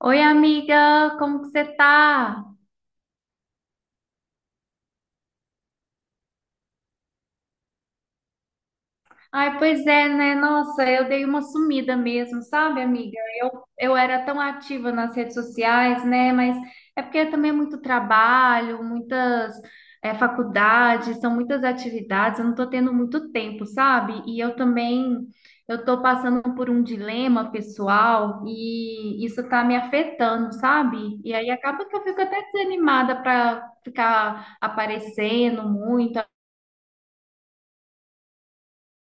Oi, amiga, como que você tá? Ai, pois é, né? Nossa, eu dei uma sumida mesmo, sabe, amiga? Eu era tão ativa nas redes sociais, né? Mas é porque também é muito trabalho, muitas faculdades, são muitas atividades, eu não tô tendo muito tempo, sabe? E eu também, eu tô passando por um dilema pessoal e isso tá me afetando, sabe? E aí acaba que eu fico até desanimada para ficar aparecendo muito.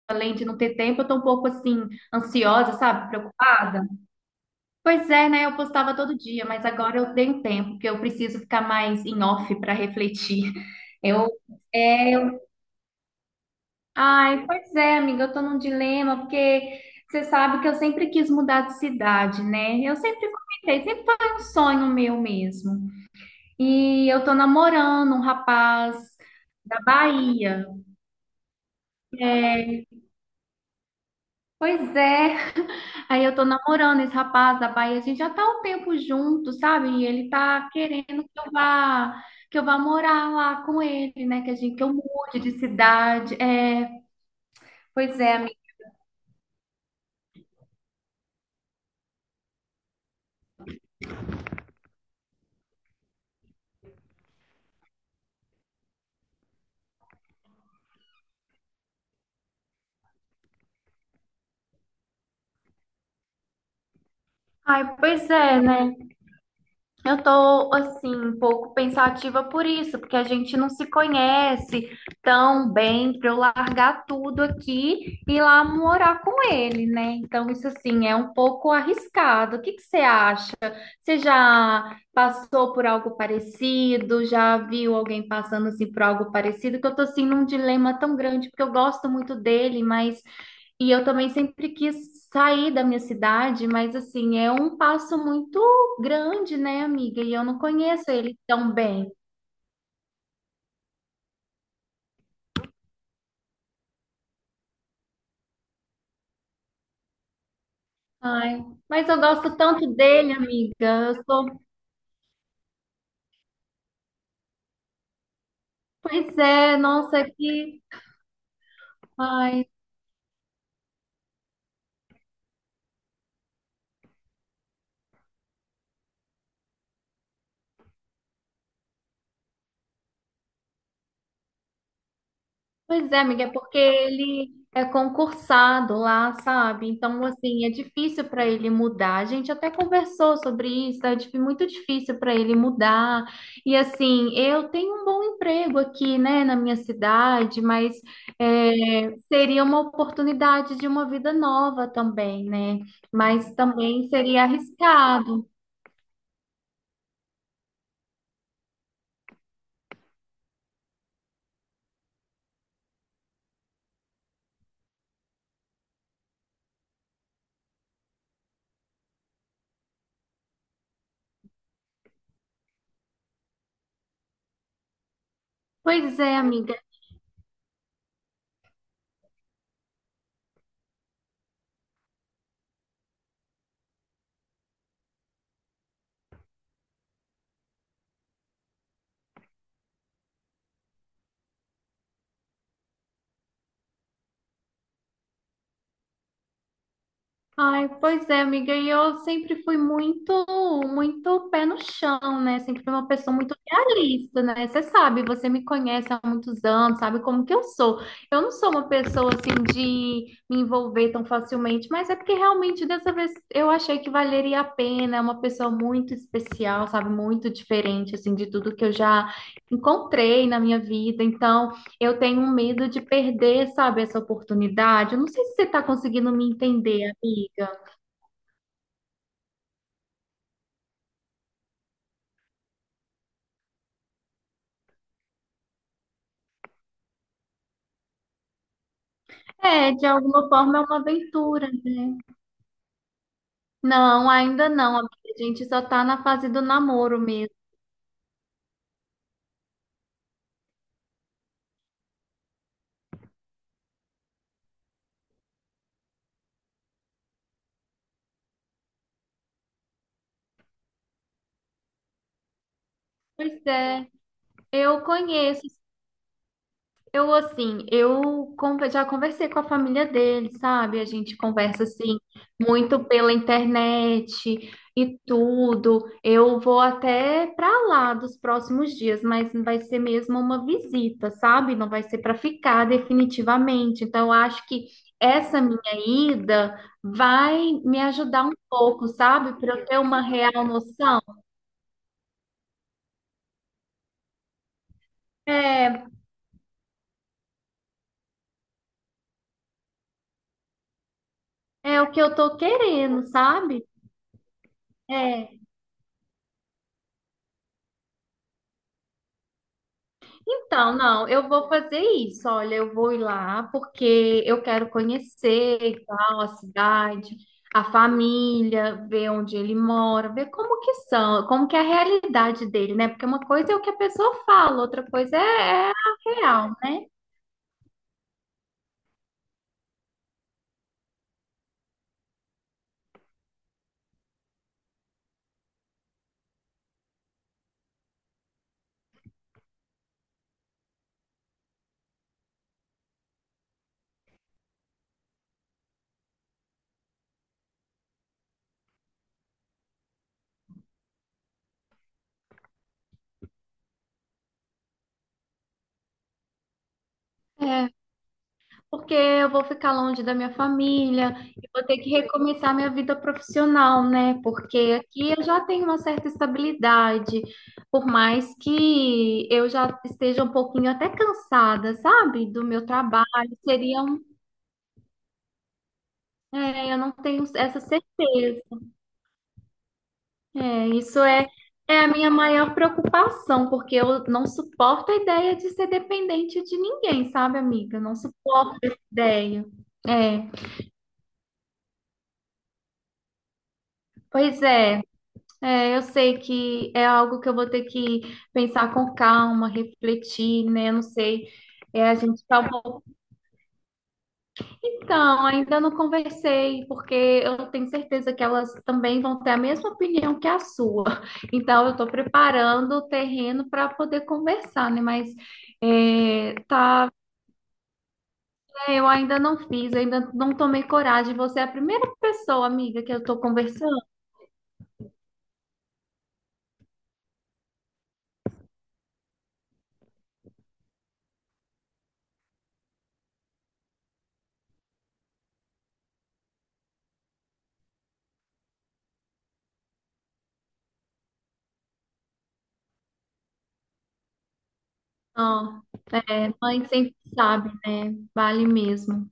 Além de não ter tempo, eu tô um pouco assim, ansiosa, sabe? Preocupada. Pois é, né? Eu postava todo dia, mas agora eu tenho tempo, porque eu preciso ficar mais em off para refletir. Eu, é, eu... Ai, pois é, amiga, eu tô num dilema, porque você sabe que eu sempre quis mudar de cidade, né? Eu sempre comentei, sempre foi um sonho meu mesmo. E eu tô namorando um rapaz da Bahia. É, pois é. Aí eu tô namorando esse rapaz da Bahia, a gente já tá um tempo junto, sabe? E ele tá querendo que eu vá morar lá com ele, né? Que a gente, que eu mude de cidade. É, pois é, amiga. Ai, pois é, né? Eu tô, assim, um pouco pensativa por isso, porque a gente não se conhece tão bem para eu largar tudo aqui e ir lá morar com ele, né? Então, isso, assim, é um pouco arriscado. O que que você acha? Você já passou por algo parecido? Já viu alguém passando, assim, por algo parecido? Que eu tô, assim, num dilema tão grande, porque eu gosto muito dele, mas e eu também sempre quis sair da minha cidade, mas assim, é um passo muito grande, né, amiga? E eu não conheço ele tão bem. Ai, mas eu gosto tanto dele, amiga. Eu sou... Pois é, nossa, que. Ai, pois é, amiga, é porque ele é concursado lá, sabe? Então, assim, é difícil para ele mudar. A gente até conversou sobre isso, é muito difícil para ele mudar. E, assim, eu tenho um bom emprego aqui, né, na minha cidade, mas é, seria uma oportunidade de uma vida nova também, né? Mas também seria arriscado. Pois é, amiga. Ai, pois é, amiga, e eu sempre fui muito pé no chão, né? Sempre fui uma pessoa muito realista, né? Você sabe, você me conhece há muitos anos, sabe como que eu sou. Eu não sou uma pessoa assim de me envolver tão facilmente, mas é porque realmente dessa vez eu achei que valeria a pena, é uma pessoa muito especial, sabe? Muito diferente assim de tudo que eu já encontrei na minha vida. Então, eu tenho um medo de perder, sabe, essa oportunidade. Eu não sei se você está conseguindo me entender, amiga. É, de alguma forma é uma aventura, né? Não, ainda não, amiga. A gente só tá na fase do namoro mesmo. Pois é, eu conheço. Eu, assim, já conversei com a família dele, sabe? A gente conversa, assim, muito pela internet e tudo. Eu vou até para lá dos próximos dias, mas vai ser mesmo uma visita, sabe? Não vai ser para ficar definitivamente. Então, eu acho que essa minha ida vai me ajudar um pouco, sabe? Para eu ter uma real noção. É, é o que eu tô querendo, sabe? É. Então, não, eu vou fazer isso. Olha, eu vou ir lá porque eu quero conhecer e tal a cidade, a família, ver onde ele mora, ver como que são, como que é a realidade dele, né? Porque uma coisa é o que a pessoa fala, outra coisa é, a real, né? Porque eu vou ficar longe da minha família e vou ter que recomeçar minha vida profissional, né? Porque aqui eu já tenho uma certa estabilidade, por mais que eu já esteja um pouquinho até cansada, sabe? Do meu trabalho, seria um, é, eu não tenho essa certeza. É, isso é, é a minha maior preocupação, porque eu não suporto a ideia de ser dependente de ninguém, sabe, amiga? Eu não suporto essa ideia. É, pois é. É, eu sei que é algo que eu vou ter que pensar com calma, refletir, né? Eu não sei. É, a gente tá um pouco. Então, ainda não conversei, porque eu tenho certeza que elas também vão ter a mesma opinião que a sua. Então, eu estou preparando o terreno para poder conversar, né? Mas é, tá, eu ainda não tomei coragem. Você é a primeira pessoa, amiga, que eu estou conversando. É, mãe sempre sabe, né? Vale mesmo.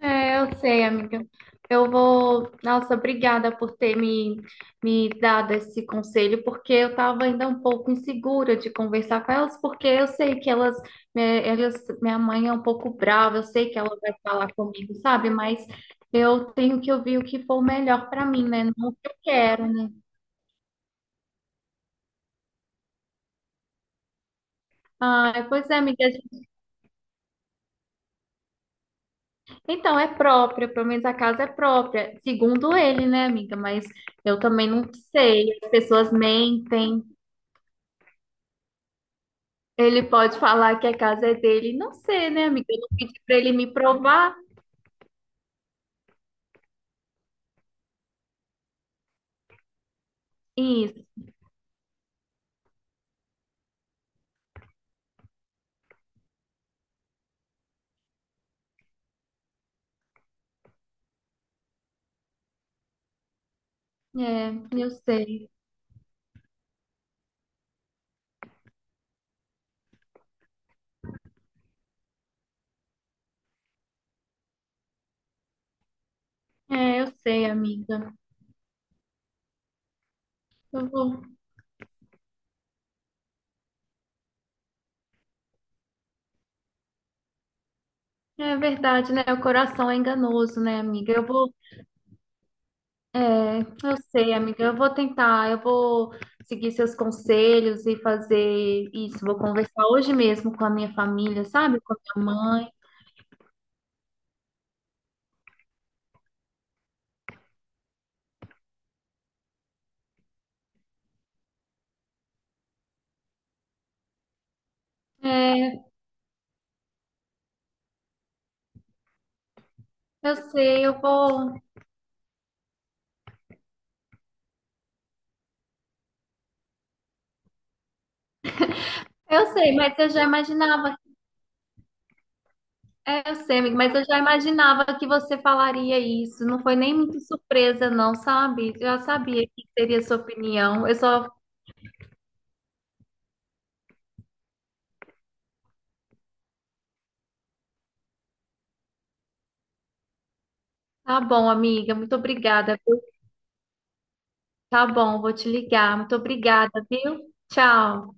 É, eu sei, amiga. Eu vou. Nossa, obrigada por ter me dado esse conselho, porque eu estava ainda um pouco insegura de conversar com elas, porque eu sei que elas, minha mãe é um pouco brava, eu sei que ela vai falar comigo, sabe? Mas eu tenho que ouvir o que for melhor para mim, né? Não o que eu quero, né? Ah, pois é, amiga. Então, é própria, pelo menos a casa é própria, segundo ele, né, amiga? Mas eu também não sei, as pessoas mentem. Ele pode falar que a casa é dele. Não sei, né, amiga? Eu não pedi pra ele me provar isso. É, eu sei. É, eu sei, amiga. Eu vou. É verdade, né? O coração é enganoso, né, amiga? Eu vou. É, eu sei, amiga. Eu vou tentar. Eu vou seguir seus conselhos e fazer isso. Vou conversar hoje mesmo com a minha família, sabe? Com a minha mãe. É, eu sei. Eu vou. Eu sei, mas eu já imaginava. É, eu sei, amigo, mas eu já imaginava que você falaria isso. Não foi nem muito surpresa, não, sabe? Eu já sabia que seria sua opinião. Eu só. Tá bom, amiga, muito obrigada, viu? Tá bom, vou te ligar. Muito obrigada, viu? Tchau.